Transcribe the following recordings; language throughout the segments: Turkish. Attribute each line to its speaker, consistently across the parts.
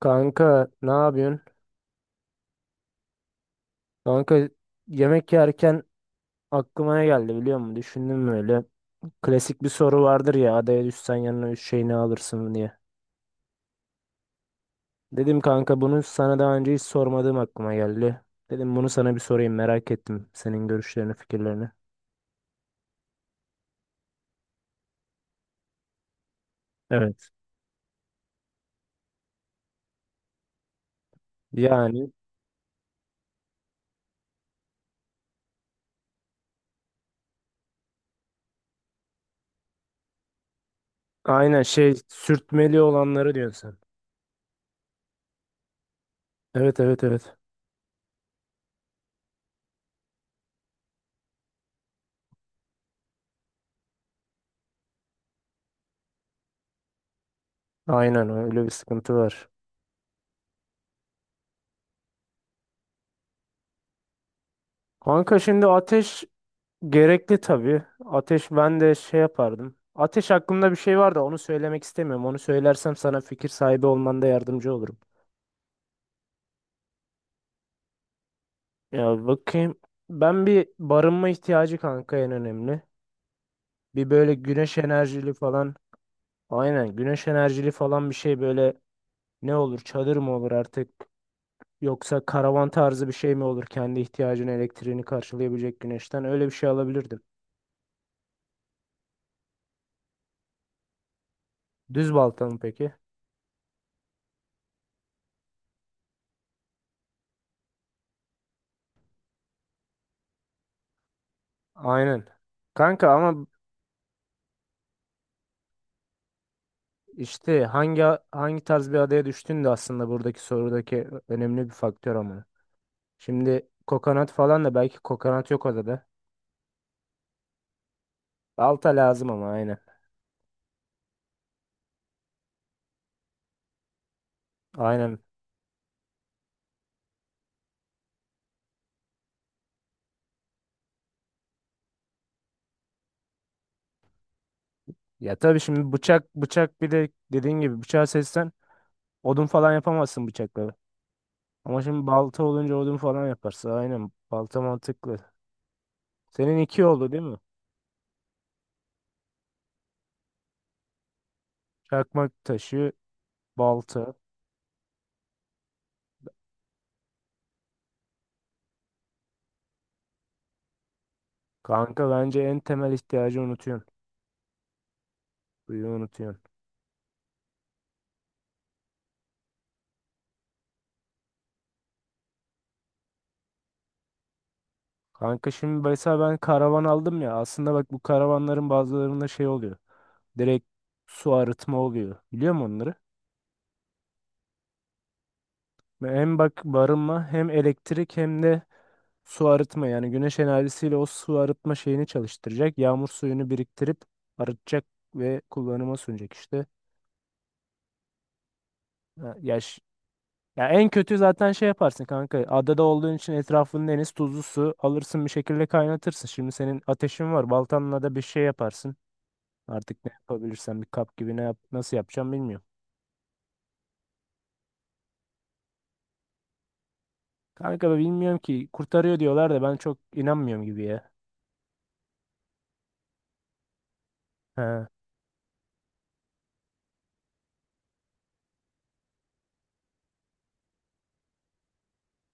Speaker 1: Kanka ne yapıyorsun? Kanka yemek yerken aklıma ne geldi biliyor musun? Düşündüm böyle. Klasik bir soru vardır ya, adaya düşsen yanına üç şey ne alırsın diye. Dedim kanka bunu sana daha önce hiç sormadığım aklıma geldi. Dedim bunu sana bir sorayım, merak ettim senin görüşlerini, fikirlerini. Evet. Yani aynen, şey, sürtmeli olanları diyorsun sen. Evet, evet, evet. Aynen, öyle bir sıkıntı var. Kanka şimdi ateş gerekli tabii. Ateş, ben de şey yapardım. Ateş hakkında bir şey var da onu söylemek istemiyorum. Onu söylersem sana fikir sahibi olmanda yardımcı olurum. Ya bakayım. Ben bir barınma ihtiyacı kanka, en önemli. Bir böyle güneş enerjili falan. Aynen, güneş enerjili falan bir şey, böyle ne olur, çadır mı olur artık, yoksa karavan tarzı bir şey mi olur, kendi ihtiyacını, elektriğini karşılayabilecek güneşten öyle bir şey alabilirdim. Düz balta mı peki? Aynen. Kanka ama İşte hangi tarz bir adaya düştüğün de aslında buradaki sorudaki önemli bir faktör ama. Şimdi kokonat falan da, belki kokonat yok adada. Balta lazım ama, aynen. Aynen. Ya tabii şimdi bıçak, bir de dediğin gibi bıçağı seçsen odun falan yapamazsın bıçakla. Ama şimdi balta olunca odun falan yaparsın. Aynen. Balta mantıklı. Senin iki oldu değil mi? Çakmak taşı, balta. Kanka bence en temel ihtiyacı unutuyorsun. Suyu unutuyorsun. Kanka şimdi mesela ben karavan aldım ya. Aslında bak, bu karavanların bazılarında şey oluyor. Direkt su arıtma oluyor. Biliyor musun onları? Ve hem bak barınma, hem elektrik, hem de su arıtma. Yani güneş enerjisiyle o su arıtma şeyini çalıştıracak. Yağmur suyunu biriktirip arıtacak ve kullanıma sunacak işte. Ha, ya, ya en kötü zaten şey yaparsın kanka. Adada olduğun için etrafında deniz, tuzlu su alırsın bir şekilde, kaynatırsın. Şimdi senin ateşin var. Baltanla da bir şey yaparsın. Artık ne yapabilirsem, bir kap gibi ne yap, nasıl yapacağım bilmiyorum. Kanka da bilmiyorum ki, kurtarıyor diyorlar da ben çok inanmıyorum gibi ya. He.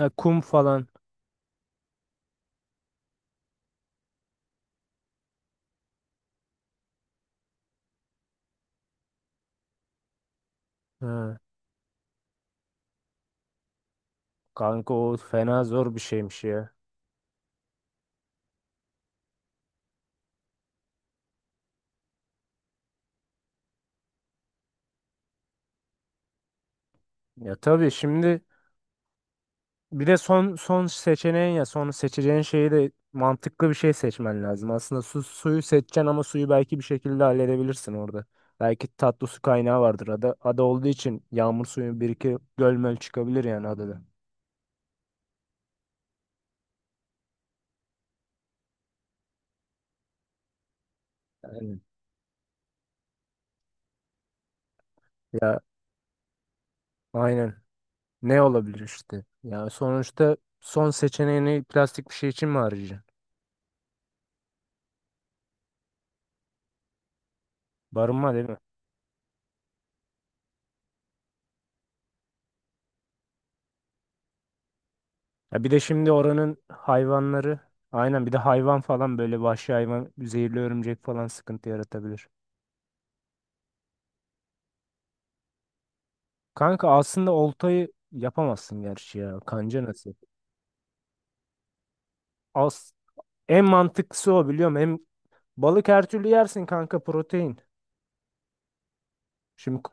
Speaker 1: Ha, kum falan. Ha. Kanka o fena zor bir şeymiş ya. Ya tabii şimdi bir de son seçeneğin, ya son seçeceğin şeyi de mantıklı bir şey seçmen lazım. Aslında suyu seçeceksin ama suyu belki bir şekilde halledebilirsin orada. Belki tatlı su kaynağı vardır. Ada olduğu için yağmur suyu, bir iki gölmöl çıkabilir yani adada. Aynen. Ya aynen. Ne olabilir işte? Ya sonuçta son seçeneğini plastik bir şey için mi arayacaksın? Barınma değil mi? Ya bir de şimdi oranın hayvanları, aynen, bir de hayvan falan böyle, vahşi hayvan, zehirli örümcek falan sıkıntı yaratabilir. Kanka aslında oltayı yapamazsın gerçi ya. Kanca nasıl? As En mantıklısı o, biliyorum. Hem balık her türlü yersin kanka, protein. Şimdi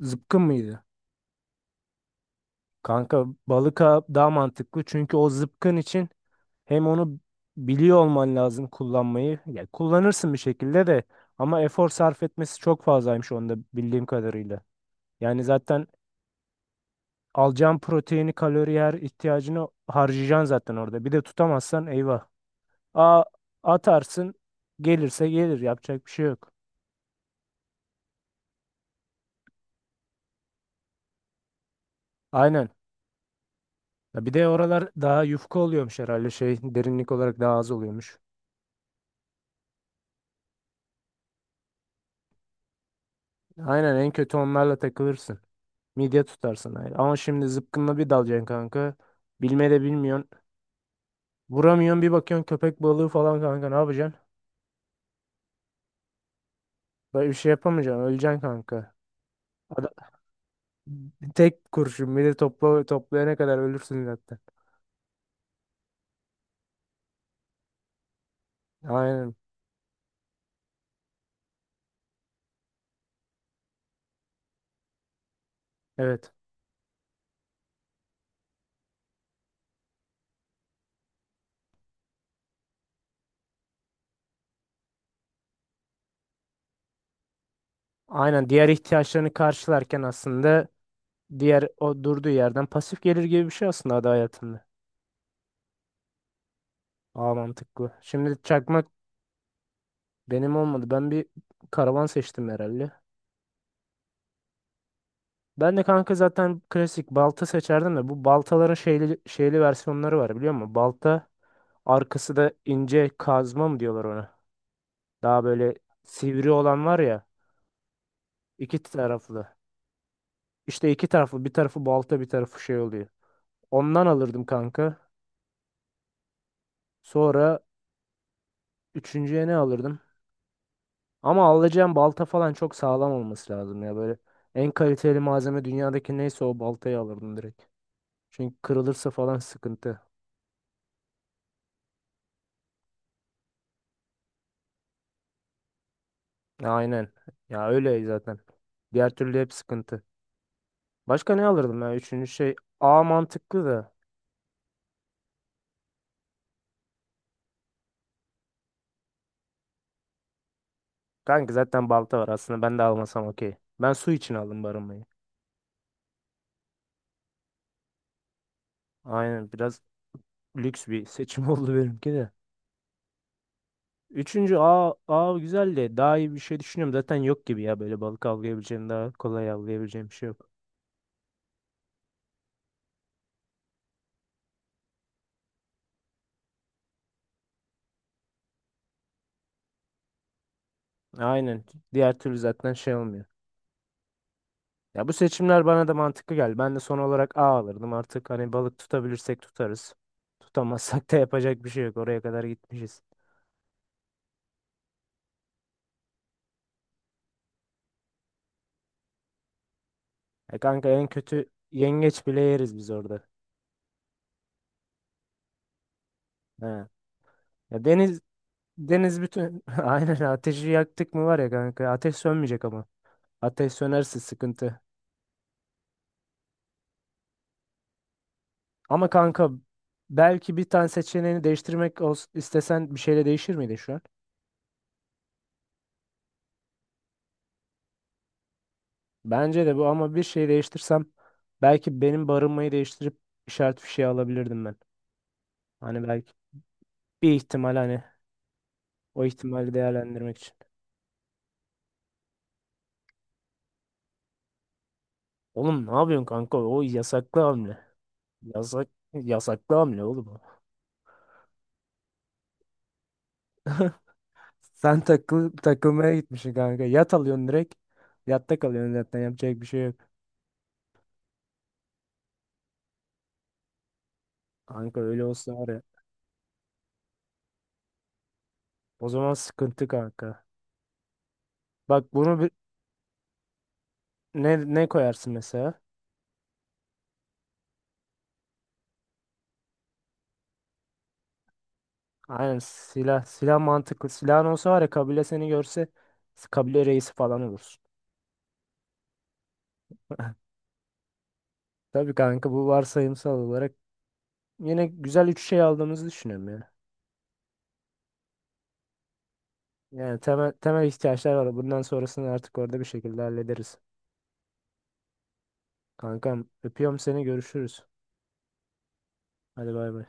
Speaker 1: zıpkın mıydı? Kanka balık daha mantıklı, çünkü o zıpkın için hem onu biliyor olman lazım, kullanmayı. Ya kullanırsın bir şekilde de, ama efor sarf etmesi çok fazlaymış onda, bildiğim kadarıyla. Yani zaten alacağın proteini, kalori, her ihtiyacını harcayacaksın zaten orada. Bir de tutamazsan eyvah. A Atarsın, gelirse gelir, yapacak bir şey yok. Aynen. Ya bir de oralar daha yufka oluyormuş herhalde, şey, derinlik olarak daha az oluyormuş. Aynen, en kötü onlarla takılırsın. Midye tutarsın. Aynen. Ama şimdi zıpkınla bir dalacaksın kanka. Bilme de bilmiyorsun. Vuramıyorsun, bir bakıyorsun köpek balığı falan kanka, ne yapacaksın? Böyle bir şey yapamayacaksın, öleceksin kanka. Adam, tek kurşun, bir de toplayana kadar ölürsün zaten. Aynen, evet. Aynen, diğer ihtiyaçlarını karşılarken aslında diğer, o durduğu yerden pasif gelir gibi bir şey aslında ada hayatında. Aa, mantıklı. Şimdi çakmak benim olmadı. Ben bir karavan seçtim herhalde. Ben de kanka zaten klasik balta seçerdim de, bu baltaların şeyli versiyonları var, biliyor musun? Balta arkası da ince, kazma mı diyorlar ona? Daha böyle sivri olan var ya, iki taraflı. İşte iki taraflı, bir tarafı balta, bir tarafı şey oluyor. Ondan alırdım kanka. Sonra üçüncüye ne alırdım? Ama alacağım balta falan çok sağlam olması lazım ya, böyle. En kaliteli malzeme dünyadaki neyse o baltayı alırdım direkt. Çünkü kırılırsa falan sıkıntı. Ya, aynen. Ya öyle zaten. Diğer türlü hep sıkıntı. Başka ne alırdım ya? Üçüncü şey, mantıklı da. Kanka zaten balta var aslında, ben de almasam okey. Ben su için aldım barınmayı. Aynen, biraz lüks bir seçim oldu benimki de. Üçüncü, A, A güzel de, daha iyi bir şey düşünüyorum. Zaten yok gibi ya böyle, balık avlayabileceğim, daha kolay avlayabileceğim bir şey yok. Aynen, diğer türlü zaten şey olmuyor. Ya bu seçimler bana da mantıklı geldi. Ben de son olarak A alırdım artık, hani balık tutabilirsek tutarız. Tutamazsak da yapacak bir şey yok, oraya kadar gitmişiz. Ya kanka en kötü yengeç bile yeriz biz orada. He. Ya deniz bütün aynen, ateşi yaktık mı var ya kanka, ateş sönmeyecek ama. Ateş sönerse sıkıntı. Ama kanka belki bir tane seçeneğini değiştirmek istesen, bir şeyle değişir miydi şu an? Bence de bu, ama bir şey değiştirsem belki benim barınmayı değiştirip işaret fişeği alabilirdim ben. Hani belki bir ihtimal, hani o ihtimali değerlendirmek için. Oğlum ne yapıyorsun kanka? O yasaklı hamle. Yasak Yasaklı hamle oğlum. Sen takılmaya gitmişsin kanka. Yat alıyorsun direkt. Yatta kalıyorsun, zaten yapacak bir şey yok. Kanka öyle olsa var ya. O zaman sıkıntı kanka. Bak bunu bir, ne koyarsın mesela? Aynen, silah mantıklı. Silahın olsa var ya, kabile seni görse kabile reisi falan olursun. Tabii kanka, bu varsayımsal olarak yine güzel üç şey aldığımızı düşünüyorum ya. Yani temel ihtiyaçlar var. Bundan sonrasını artık orada bir şekilde hallederiz. Kankam, öpüyorum seni, görüşürüz. Hadi bay bay.